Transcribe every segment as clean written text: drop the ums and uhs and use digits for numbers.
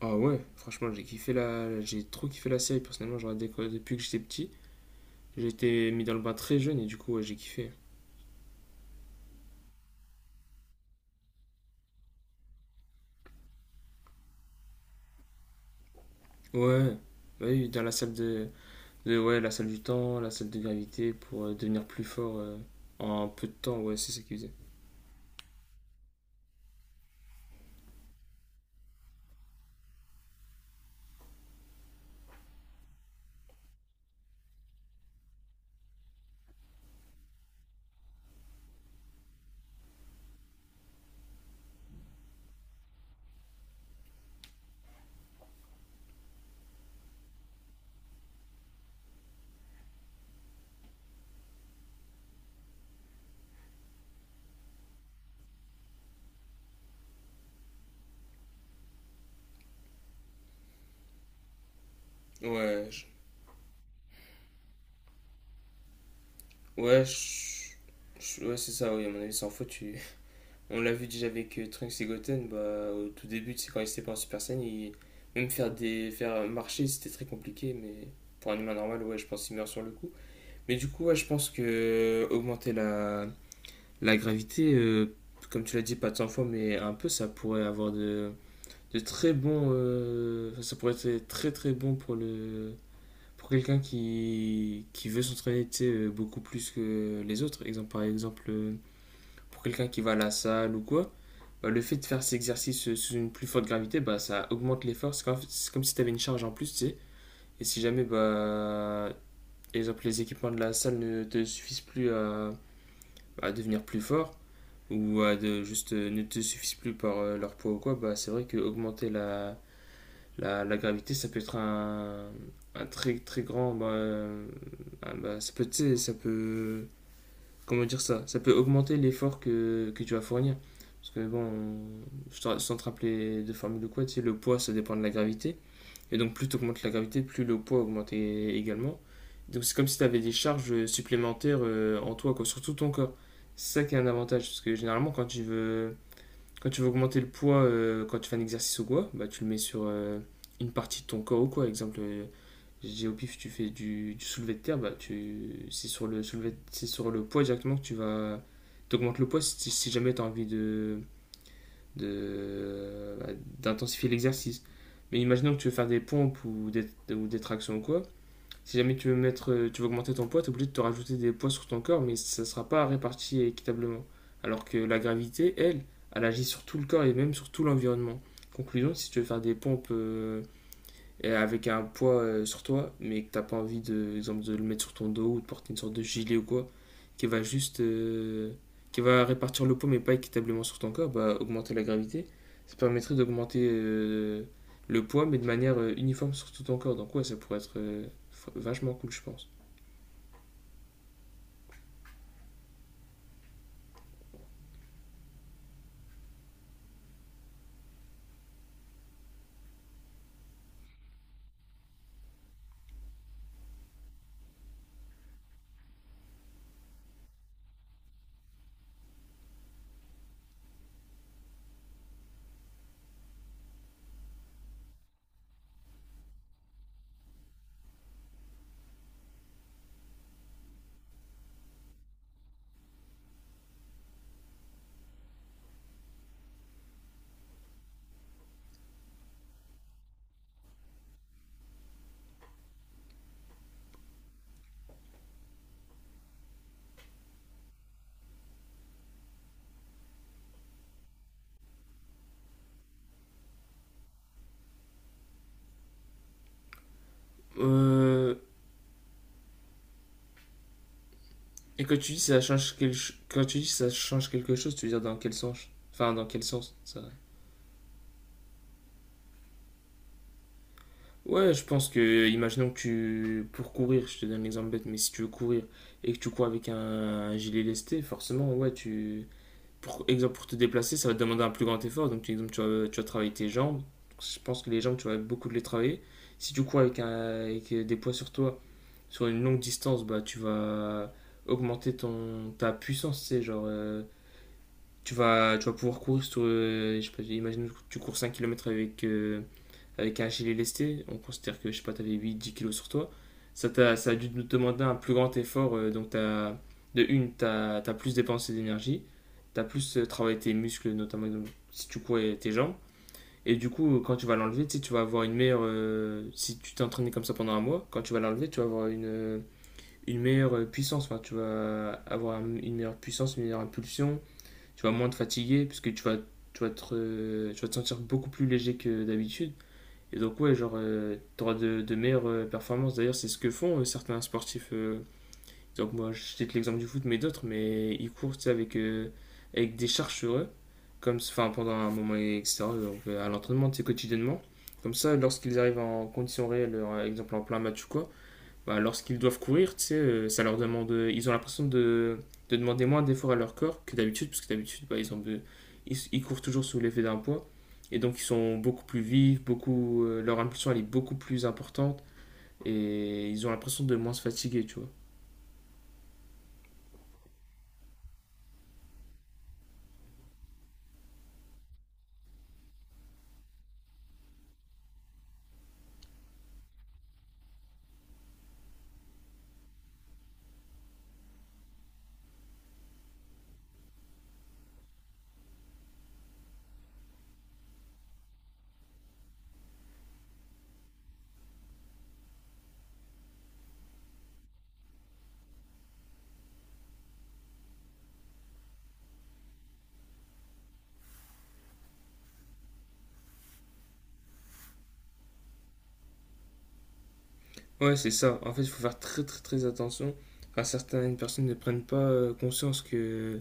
Ah ouais, franchement, j'ai trop kiffé la série. Personnellement, j'aurais depuis que j'étais petit. J'ai été mis dans le bain très jeune et du coup, ouais, j'ai kiffé. Ouais, bah oui, dans la salle de- Ouais, la salle du temps, la salle de gravité pour devenir plus fort en peu de temps. Ouais, c'est ça qu'ils faisaient. Ouais, je- ouais, je- ouais, c'est ça, oui, à mon avis, sans faute. On l'a vu déjà avec Trunks et Goten, bah, au tout début, c'est quand ils étaient pas en Super Saiyan, même faire marcher, c'était très compliqué, mais pour un humain normal, ouais, je pense qu'il meurt sur le coup. Mais du coup, ouais, je pense que augmenter la gravité, comme tu l'as dit, pas de 100 fois, mais un peu, ça pourrait avoir de très bons. Enfin, ça pourrait être très très bon pour le pour quelqu'un qui veut s'entraîner, tu sais, beaucoup plus que les autres. Par exemple, pour quelqu'un qui va à la salle ou quoi, bah, le fait de faire ces exercices sous une plus forte gravité, bah, ça augmente l'effort. C'est comme si tu avais une charge en plus, tu sais. Et si jamais, bah, exemple, les équipements de la salle ne te suffisent plus à devenir plus fort ou à de, juste ne te suffisent plus par leur poids ou quoi, bah, c'est vrai que augmenter la gravité, ça peut être un très très grand. Bah, ah, bah, ça peut, tu sais, ça peut. Comment dire ça? Ça peut augmenter l'effort que tu vas fournir. Parce que bon, sans te rappeler de formule ou quoi, tu sais, le poids, ça dépend de la gravité. Et donc plus tu augmentes la gravité, plus le poids augmente également. Donc c'est comme si tu avais des charges supplémentaires en toi, quoi, sur tout ton corps. C'est ça qui est un avantage, parce que généralement quand tu veux augmenter le poids, quand tu fais un exercice ou quoi, bah, tu le mets sur une partie de ton corps ou quoi. Exemple, je dis au pif, tu fais du soulevé de terre, bah, c'est sur le poids directement que tu vas... T'augmentes le poids si jamais tu as envie bah, d'intensifier l'exercice. Mais imaginons que tu veux faire des pompes ou des tractions ou quoi. Si jamais tu veux augmenter ton poids, tu es obligé de te rajouter des poids sur ton corps, mais ça ne sera pas réparti équitablement. Alors que la gravité, elle agit sur tout le corps et même sur tout l'environnement. Conclusion, si tu veux faire des pompes et avec un poids sur toi, mais que t'as pas envie de, exemple, de le mettre sur ton dos ou de porter une sorte de gilet ou quoi, qui va juste, euh, qui va répartir le poids mais pas équitablement sur ton corps, bah augmenter la gravité, ça permettrait d'augmenter le poids mais de manière uniforme sur tout ton corps. Donc ouais, ça pourrait être vachement cool, je pense. Euh, et quand tu dis ça change quand tu dis ça change quelque chose, tu veux dire dans quel sens? Enfin, dans quel sens ça? Ouais, je pense que, imaginons pour courir, je te donne l'exemple bête, mais si tu veux courir et que tu cours avec un gilet lesté, forcément, ouais, pour exemple, pour te déplacer, ça va te demander un plus grand effort. Donc, exemple, tu vas travailler tes jambes. Je pense que les jambes, tu vas beaucoup les travailler. Si tu cours avec des poids sur toi, sur une longue distance, bah, tu vas augmenter ta puissance, tu sais, genre, tu vas pouvoir courir je sais pas, imagine que tu cours 5 kilomètres avec un gilet lesté, on considère que, je sais pas, t'avais 8 10 kilos sur toi, ça a dû nous demander un plus grand effort. Donc, de une, t'as as plus dépensé d'énergie, t'as plus travaillé tes muscles, notamment si tu courais tes jambes. Et du coup, quand tu vas l'enlever, tu vas avoir une meilleure. Si tu t'es entraîné comme ça pendant un mois, quand tu vas l'enlever, tu vas avoir une meilleure puissance. Enfin, tu vas avoir une meilleure puissance, une meilleure impulsion. Tu vas moins te fatiguer, puisque tu vas te sentir beaucoup plus léger que d'habitude. Et donc, ouais, genre, t'auras de meilleures performances. D'ailleurs, c'est ce que font certains sportifs. Donc, moi, je cite l'exemple du foot, mais d'autres, mais ils courent, tu sais, avec des charges sur eux, comme, enfin, pendant un moment, etc. Donc, à l'entraînement, tu sais, quotidiennement. Comme ça, lorsqu'ils arrivent en conditions réelles, par exemple en plein match ou quoi, bah, lorsqu'ils doivent courir, tu sais, ça leur demande. Ils ont l'impression de demander moins d'efforts à leur corps que d'habitude, parce que d'habitude, bah, ils, ont de- ils courent toujours sous l'effet d'un poids. Et donc, ils sont beaucoup plus vifs, leur impulsion elle est beaucoup plus importante, et ils ont l'impression de moins se fatiguer, tu vois. Ouais, c'est ça. En fait, il faut faire très très très attention. Enfin, certaines personnes ne prennent pas conscience que,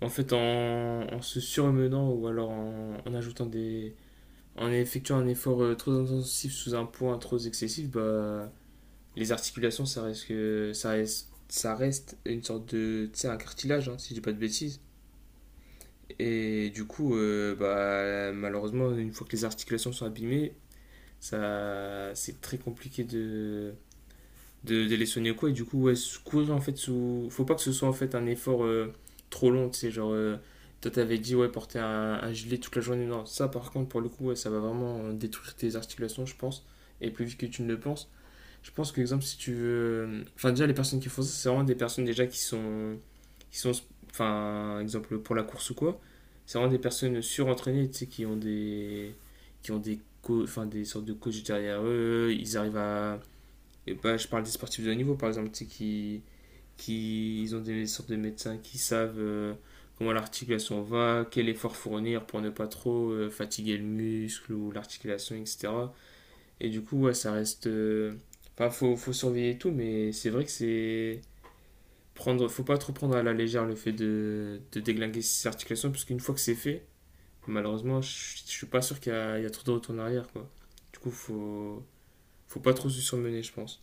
en fait, en se surmenant ou alors en effectuant un effort trop intensif sous un poids trop excessif, bah, les articulations, ça reste, que- ça reste une sorte de, tu sais, un cartilage, hein, si je dis pas de bêtises. Et du coup, bah, malheureusement, une fois que les articulations sont abîmées, ça, c'est très compliqué de les sonner ou quoi. Et du coup, ouais, courir en fait sous. Faut pas que ce soit en fait un effort trop long, tu sais, genre. Toi, t'avais dit, ouais, porter un gilet toute la journée. Non, ça, par contre, pour le coup, ouais, ça va vraiment détruire tes articulations, je pense. Et plus vite que tu ne le penses. Je pense que, exemple, si tu veux. Enfin, déjà, les personnes qui font ça, c'est vraiment des personnes déjà qui sont. Qui sont enfin, exemple, pour la course ou quoi. C'est vraiment des personnes surentraînées, tu sais, qui ont des. Qui ont des. Co Enfin, des sortes de coachs derrière eux. Ils arrivent à. Et bah, je parle des sportifs de haut niveau, par exemple, tu sais, qui ils ont des sortes de médecins qui savent comment l'articulation va, quel effort fournir pour ne pas trop fatiguer le muscle ou l'articulation, etc. Et du coup, ouais, ça reste. Enfin, faut surveiller tout, mais c'est vrai que c'est. Faut pas trop prendre à la légère le fait de déglinguer ses articulations, parce qu'une fois que c'est fait, malheureusement, je suis pas sûr qu'il y a trop de retour en arrière, quoi. Du coup, faut pas trop se surmener, je pense.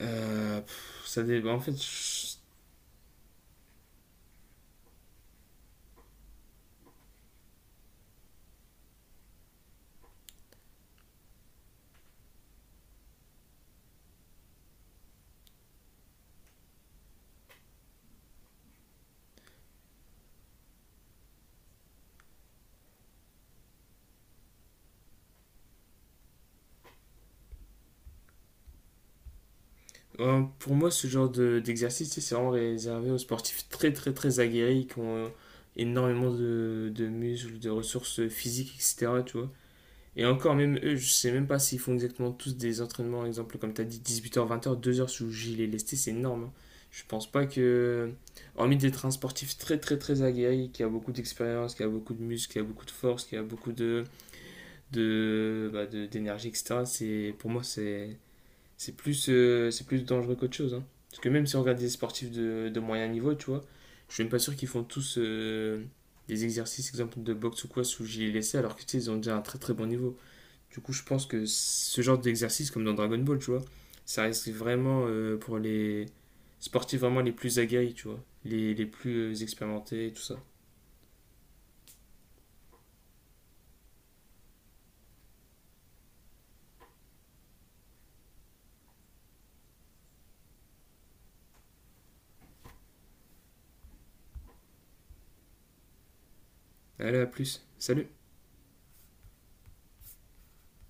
Pff, ça dé- En fait, je- pour moi, ce genre d'exercice, tu sais, c'est vraiment réservé aux sportifs très, très, très aguerris qui ont énormément de muscles, de ressources physiques, etc. Tu vois. Et encore, même eux, je sais même pas s'ils font exactement tous des entraînements, exemple, comme tu as dit, 18 h, 20 h, 2 h sous gilet lesté, c'est énorme. Hein. Je pense pas que, hormis d'être un sportif très, très, très aguerri, qui a beaucoup d'expérience, qui a beaucoup de muscles, qui a beaucoup de force, qui a beaucoup de bah, d'énergie, etc. Pour moi, c'est plus dangereux qu'autre chose. Hein. Parce que même si on regarde des sportifs de moyen niveau, tu vois, je suis même pas sûr qu'ils font tous des exercices, exemple de boxe ou quoi, sous gilet laissé, alors que tu sais, ils ont déjà un très très bon niveau. Du coup, je pense que ce genre d'exercice, comme dans Dragon Ball, tu vois, ça reste vraiment pour les sportifs vraiment les plus aguerris, tu vois, les plus expérimentés et tout ça. Allez, à plus. Salut!